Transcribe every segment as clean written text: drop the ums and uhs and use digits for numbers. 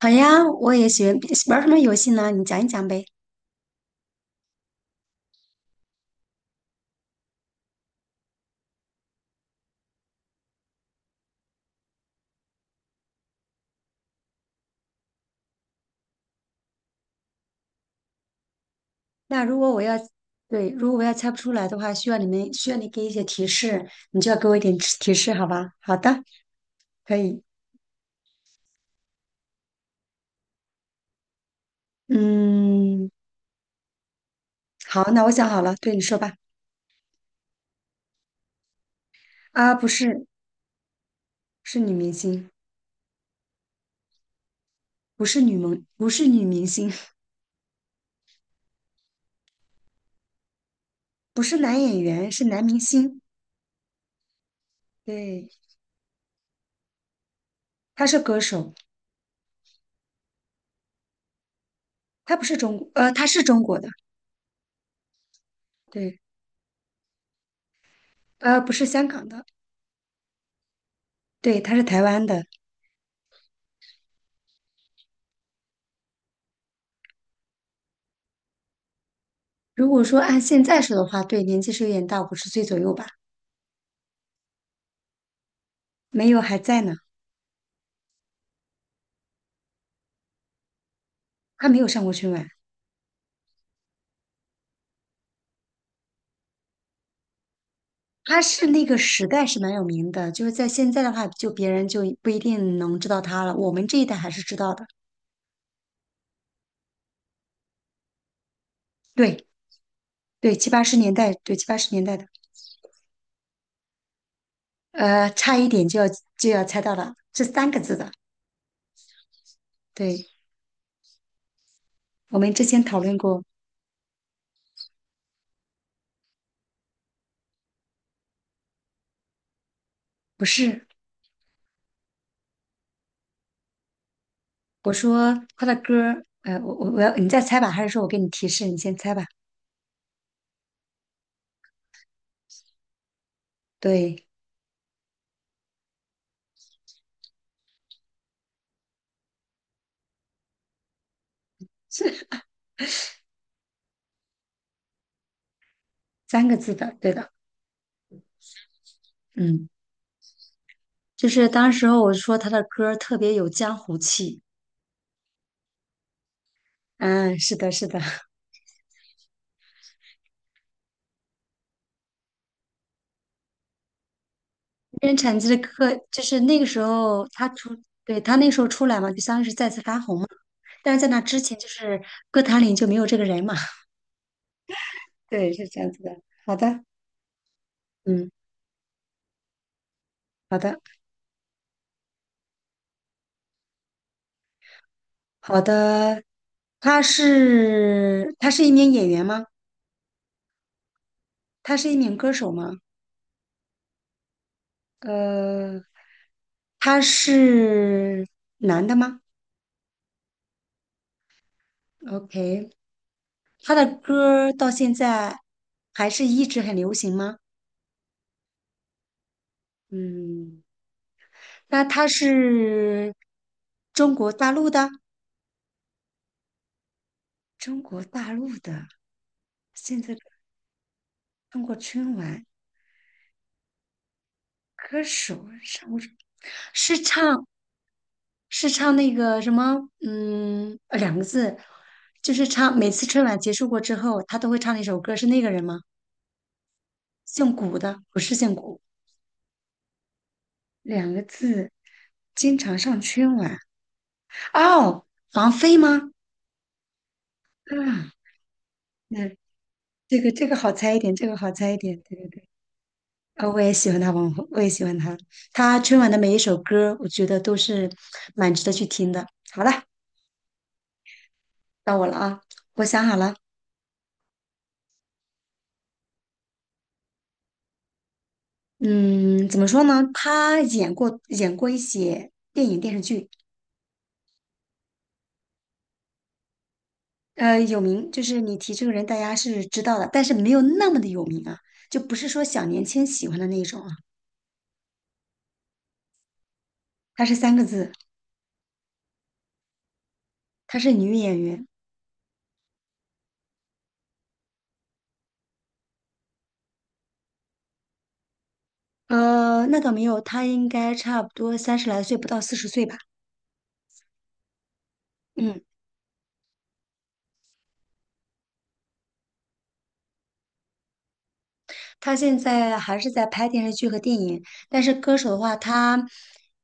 好呀，我也喜欢玩儿什么游戏呢？你讲一讲呗。那如果我要，对，如果我要猜不出来的话，需要你给一些提示，你就要给我一点提示，好吧？好的，可以。嗯，好，那我想好了，对你说吧。啊，不是，是女明星，不是女明星，不是男演员，是男明星。对，他是歌手，他不是中国，呃，他是中国的，对，呃，不是香港的，对，他是台湾的。如果说按现在说的话，对，年纪是有点大，五十岁左右吧。没有，还在呢，他没有上过春晚，他是那个时代是蛮有名的，就是在现在的话，就别人就不一定能知道他了，我们这一代还是知道的。对对，七八十年代，对七八十年代的，呃，差一点就要就要猜到了，这三个字的。对，我们之前讨论过，不是，我说他的歌，呃，我要你再猜吧，还是说我给你提示，你先猜吧？对，三个字的，对的，嗯。就是当时候我说他的歌儿特别有江湖气，嗯，是的，是的，任产基的歌就是那个时候他出，对，他那时候出来嘛，就相当于是再次发红嘛，但是在那之前就是歌坛里就没有这个人嘛，对，是这样子的。好的，嗯，好的，好的，他是一名演员吗？他是一名歌手吗？呃，他是男的吗？OK，他的歌儿到现在还是一直很流行吗？嗯，那他是中国大陆的，中国大陆的，现在中国春晚歌手上过是唱是唱那个什么，嗯，呃两个字，就是唱每次春晚结束过之后，他都会唱的一首歌，是那个人吗？姓古的，不是姓古，两个字，经常上春晚。哦，王菲吗？啊，那这个好猜一点，这个好猜一点，对对对，啊，我也喜欢他王，红，我也喜欢他，他春晚的每一首歌，我觉得都是蛮值得去听的。好了，到我了啊，我想好了，嗯，怎么说呢？他演过一些电影电视剧，呃，有名，就是你提这个人，大家是知道的，但是没有那么的有名啊，就不是说小年轻喜欢的那种啊。她是三个字，她是女演员，呃，那倒没有，她应该差不多三十来岁，不到四十岁吧。嗯。他现在还是在拍电视剧和电影，但是歌手的话，他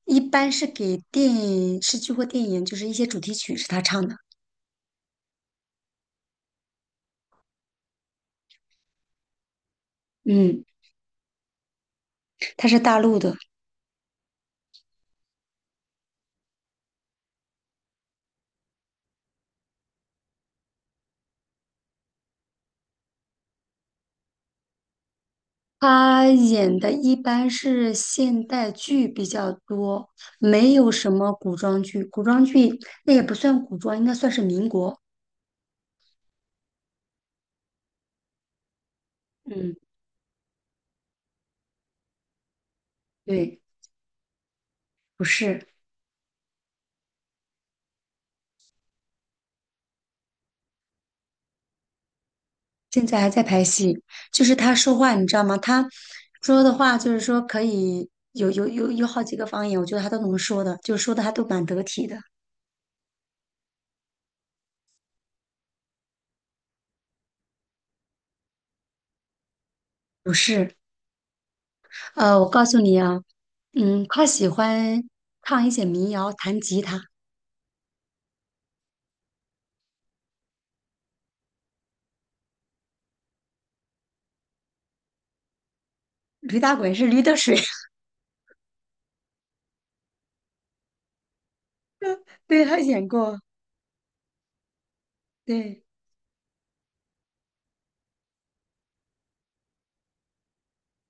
一般是给电视剧或电影，就是一些主题曲是他唱的。嗯，他是大陆的，他演的一般是现代剧比较多，没有什么古装剧。那也不算古装，应该算是民国。嗯，对，不是。现在还在拍戏，就是他说话，你知道吗？他说的话就是说可以有好几个方言，我觉得他都能说的，就说的还都蛮得体的。不是，呃，我告诉你啊，嗯，他喜欢唱一些民谣，弹吉他。驴打滚是驴得水，对，他演过，对，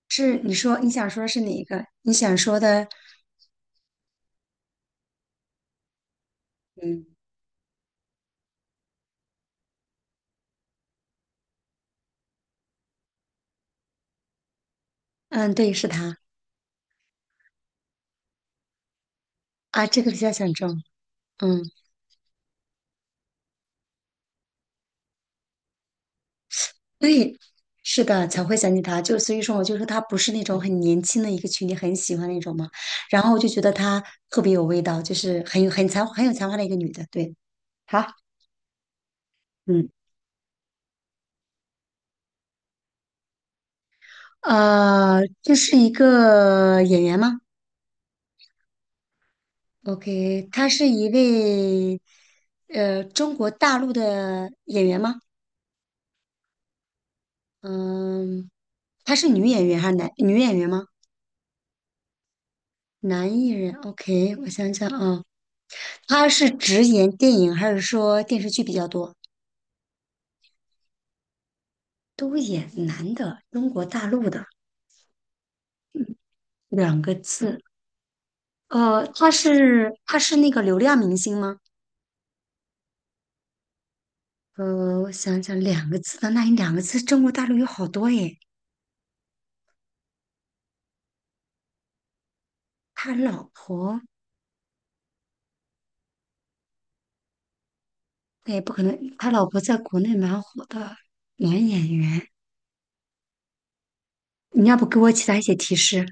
你想说是哪一个？你想说的，嗯嗯，对，是他啊，这个比较想中，嗯。对，是的，才会想起他。就所以说，我就说他不是那种很年轻的一个群体，很喜欢那种嘛。然后我就觉得她特别有味道，就是很有才华的一个女的。对，好，嗯，呃，这是一个演员吗？OK，她是一位呃中国大陆的演员吗？嗯，她是女演员还是男女演员吗？男艺人，OK，我想想啊，她是只演电影还是说电视剧比较多？都演男的，中国大陆的两个字。呃，他是那个流量明星吗？呃，我想想，两个字的，那你两个字，中国大陆有好多耶。他老婆，那也不可能，他老婆在国内蛮火的男演员。你要不给我其他一些提示？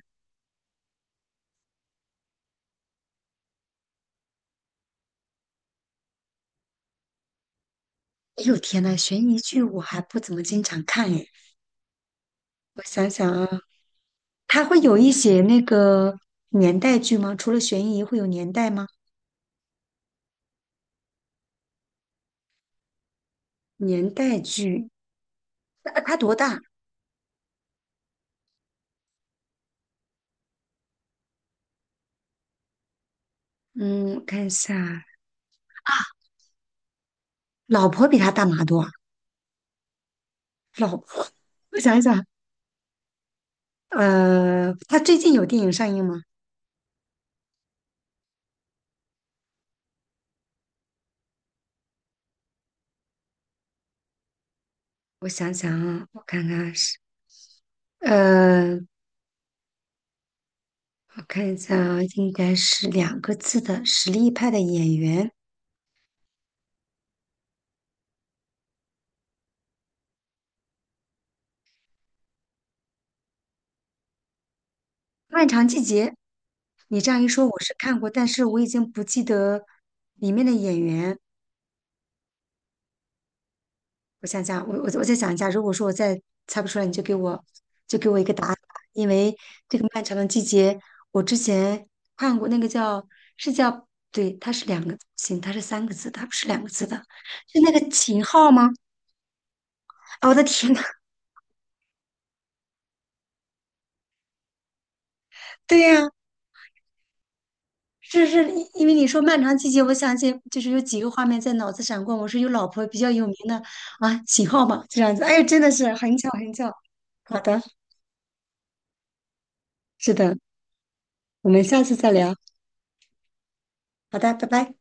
哎呦天呐，悬疑剧我还不怎么经常看耶。我想想啊，他会有一些那个年代剧吗？除了悬疑，会有年代吗？年代剧，他他多大？嗯，我看一下啊，老婆比他大马多啊。老婆，我想一想，呃，他最近有电影上映吗？我想想啊，我看看是，呃，我看一下啊，应该是两个字的实力派的演员，《漫长季节》。你这样一说，我是看过，但是我已经不记得里面的演员。我想想，我再想一下，如果说我再猜不出来，你就给我就给我一个答案吧，因为这个漫长的季节，我之前看过那个叫是叫对，它是两个行，它是三个字的它不是两个字的，是那个秦昊吗？啊、我的天呐，对呀、是是，因为你说漫长季节，我想起就是有几个画面在脑子闪过，我说有老婆比较有名的啊，秦昊嘛，这样子，哎，真的是很巧很巧，好的，是的，我们下次再聊，好的，拜拜。